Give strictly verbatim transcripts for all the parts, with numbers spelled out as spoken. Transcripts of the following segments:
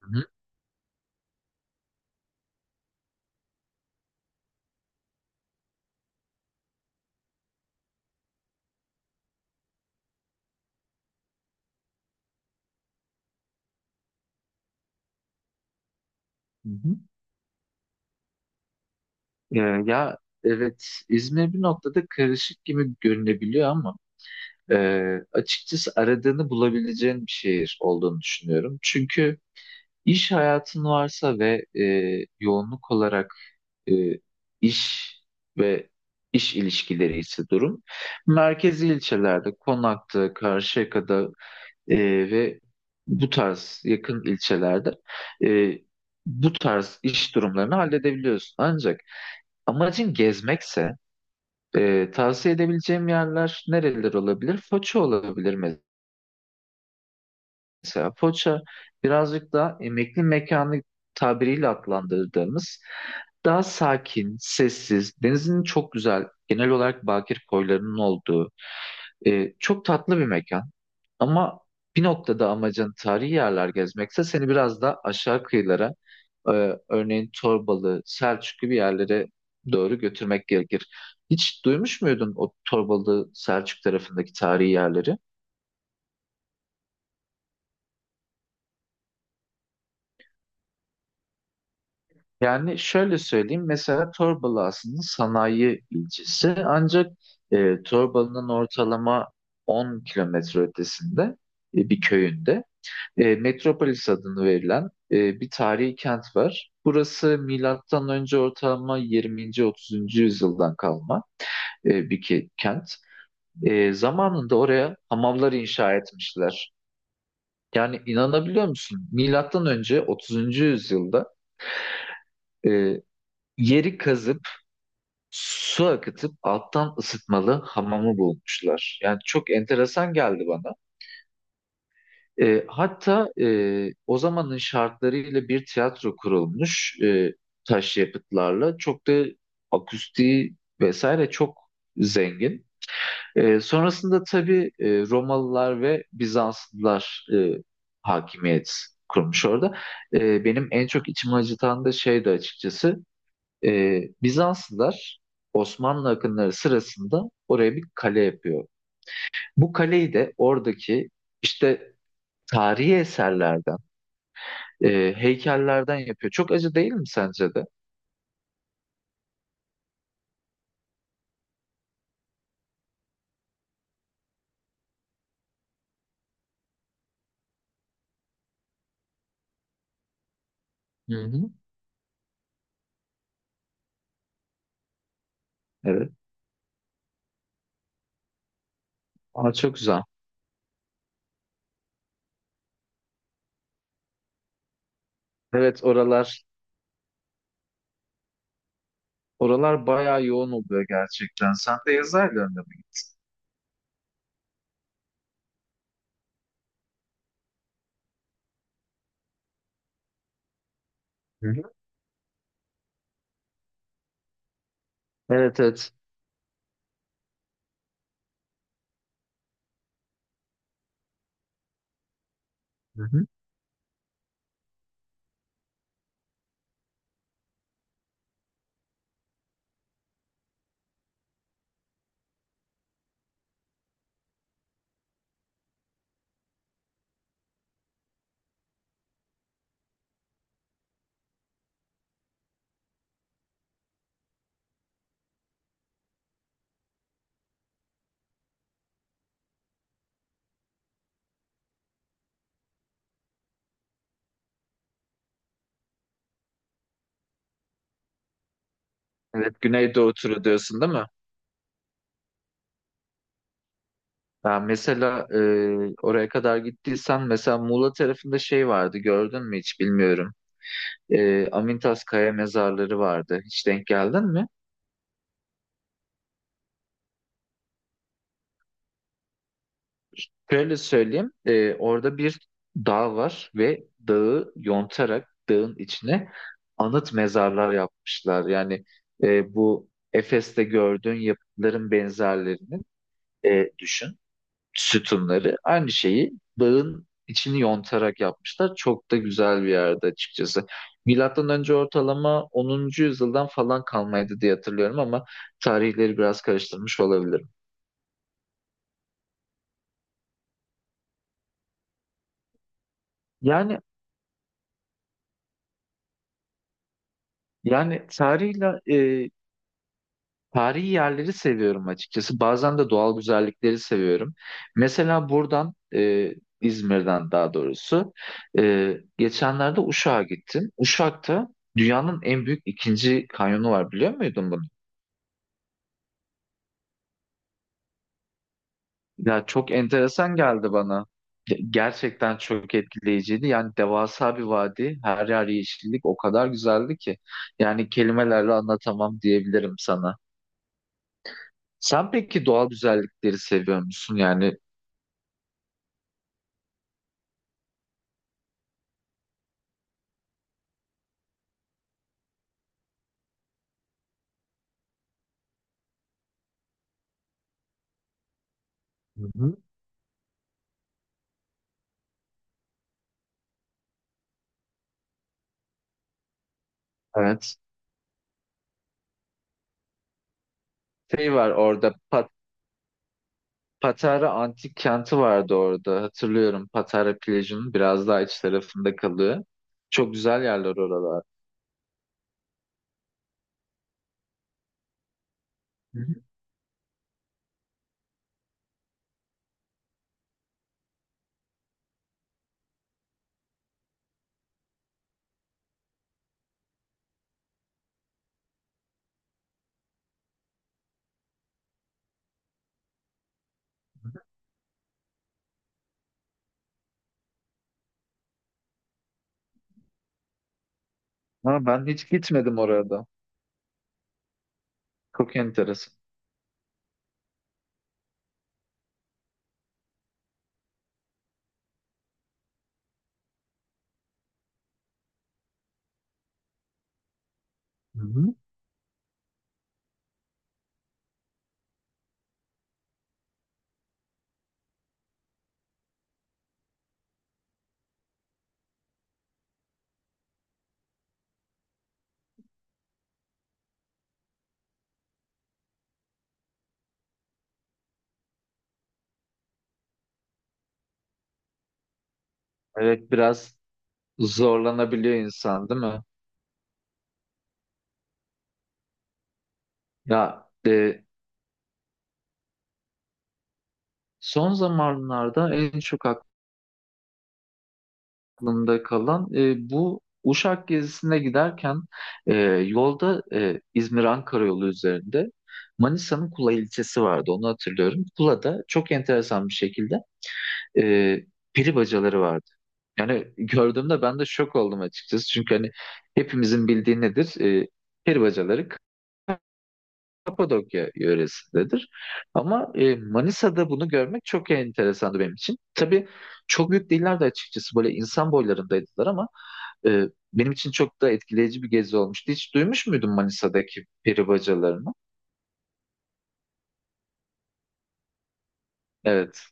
Hı hı. hı. Ee, ya evet İzmir bir noktada karışık gibi görünebiliyor ama e, açıkçası aradığını bulabileceğin bir şehir olduğunu düşünüyorum. Çünkü iş hayatın varsa ve e, yoğunluk olarak e, iş ve iş ilişkileri ise durum merkezi ilçelerde Konak'ta, Karşıyaka'da, e, ve bu tarz yakın ilçelerde e, bu tarz iş durumlarını halledebiliyorsun. Ancak amacın gezmekse, e, tavsiye edebileceğim yerler nereler olabilir? Foça olabilir. Mesela Foça birazcık daha emekli mekanı tabiriyle adlandırdığımız, daha sakin, sessiz, denizin çok güzel, genel olarak bakir koylarının olduğu e, çok tatlı bir mekan. Ama bir noktada amacın tarihi yerler gezmekse seni biraz da aşağı kıyılara, e, örneğin Torbalı, Selçuk gibi yerlere doğru götürmek gerekir. Hiç duymuş muydun o Torbalı, Selçuk tarafındaki tarihi yerleri? Yani şöyle söyleyeyim, mesela Torbalı aslında sanayi ilçesi, ancak e, Torbalı'nın ortalama on kilometre ötesinde, e, bir köyünde, e, Metropolis adını verilen e, bir tarihi kent var. Burası milattan önce ortalama yirminci. otuzuncu yüzyıldan kalma e, bir ke- kent. E, zamanında oraya hamamlar inşa etmişler. Yani inanabiliyor musun? Milattan önce otuzuncu yüzyılda e, yeri kazıp su akıtıp alttan ısıtmalı hamamı bulmuşlar. Yani çok enteresan geldi bana. E, hatta e, o zamanın şartlarıyla bir tiyatro kurulmuş, e, taş yapıtlarla. Çok da akustiği vesaire çok zengin. E, sonrasında tabii e, Romalılar ve Bizanslılar e, hakimiyet kurmuş orada. E, benim en çok içimi acıtan da şeydi açıkçası. Ee, Bizanslılar Osmanlı akınları sırasında oraya bir kale yapıyor. Bu kaleyi de oradaki işte tarihi eserlerden, e, heykellerden yapıyor. Çok acı değil mi sence de? Hı hı. Evet. Aa, çok güzel. Evet, oralar oralar bayağı yoğun oluyor gerçekten. Sen de yazarlarında mı gittin? Hı hı. Evet, evet. Hı hı. Evet, Güneydoğu turu diyorsun değil mi? Ben mesela, e, oraya kadar gittiysen mesela Muğla tarafında şey vardı, gördün mü hiç bilmiyorum. e, Amintas Kaya mezarları vardı. Hiç denk geldin mi? Şöyle söyleyeyim. E, orada bir dağ var ve dağı yontarak dağın içine anıt mezarlar yapmışlar. Yani, e, bu Efes'te gördüğün yapıtların benzerlerini e, düşün. Sütunları. Aynı şeyi dağın içini yontarak yapmışlar. Çok da güzel bir yerde açıkçası. Milattan önce ortalama onuncu yüzyıldan falan kalmaydı diye hatırlıyorum ama tarihleri biraz karıştırmış olabilirim. Yani yani tarihle, e, tarihi yerleri seviyorum açıkçası. Bazen de doğal güzellikleri seviyorum. Mesela buradan, e, İzmir'den daha doğrusu, e, geçenlerde Uşak'a gittim. Uşak'ta dünyanın en büyük ikinci kanyonu var, biliyor muydun bunu? Ya çok enteresan geldi bana. Ge- Gerçekten çok etkileyiciydi. Yani devasa bir vadi, her yer yeşillik, o kadar güzeldi ki. Yani kelimelerle anlatamam diyebilirim sana. Sen peki doğal güzellikleri seviyor musun? Yani. Hı hı. Evet. Şey var orada. Pa- Patara Antik Kenti vardı orada. Hatırlıyorum, Patara plajının biraz daha iç tarafında kalıyor. Çok güzel yerler oralar. Hı hı. Ama ben hiç gitmedim orada. Çok enteresan. Hı hı. Evet, biraz zorlanabiliyor insan değil mi? Ya e, Son zamanlarda en çok aklımda kalan, e, bu Uşak gezisine giderken e, yolda, e, İzmir-Ankara yolu üzerinde Manisa'nın Kula ilçesi vardı, onu hatırlıyorum. Kula'da çok enteresan bir şekilde e, peri bacaları vardı. Yani gördüğümde ben de şok oldum açıkçası. Çünkü hani hepimizin bildiği nedir? E, peri bacaları Kapadokya yöresindedir. Ama e, Manisa'da bunu görmek çok enteresandı benim için. Tabii çok büyük değillerdi açıkçası. Böyle insan boylarındaydılar ama ee, benim için çok da etkileyici bir gezi olmuştu. Hiç duymuş muydun Manisa'daki peri bacalarını? Evet.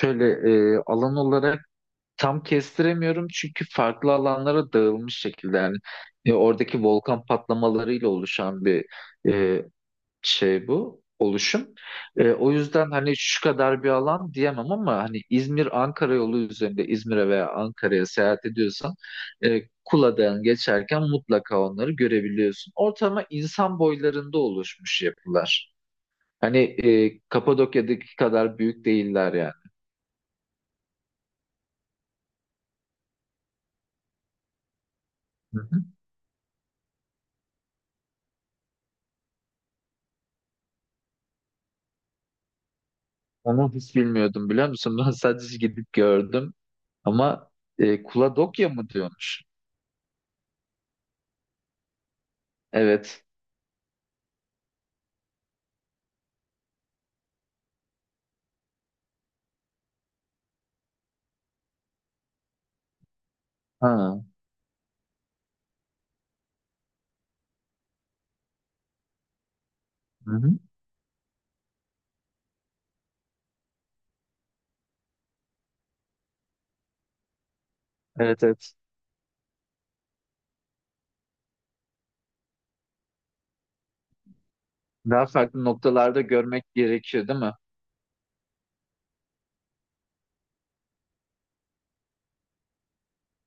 Şöyle, e, alan olarak tam kestiremiyorum çünkü farklı alanlara dağılmış şekilde. Yani e, oradaki volkan patlamalarıyla oluşan bir e, şey bu oluşum. E, o yüzden hani şu kadar bir alan diyemem, ama hani İzmir-Ankara yolu üzerinde İzmir'e veya Ankara'ya seyahat ediyorsan e, Kula'dan geçerken mutlaka onları görebiliyorsun. Ortama insan boylarında oluşmuş yapılar. Hani e, Kapadokya'daki kadar büyük değiller yani. Hı hı. Onu hiç bilmiyordum biliyor musun? Ben sadece gidip gördüm ama e, Kuladokya mı diyormuş? Evet. Ha. Hı hı. Evet, evet. Daha farklı noktalarda görmek gerekiyor, değil mi?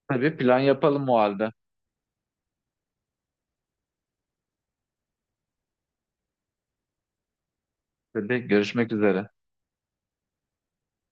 Tabii, plan yapalım o halde. Tabii, görüşmek üzere.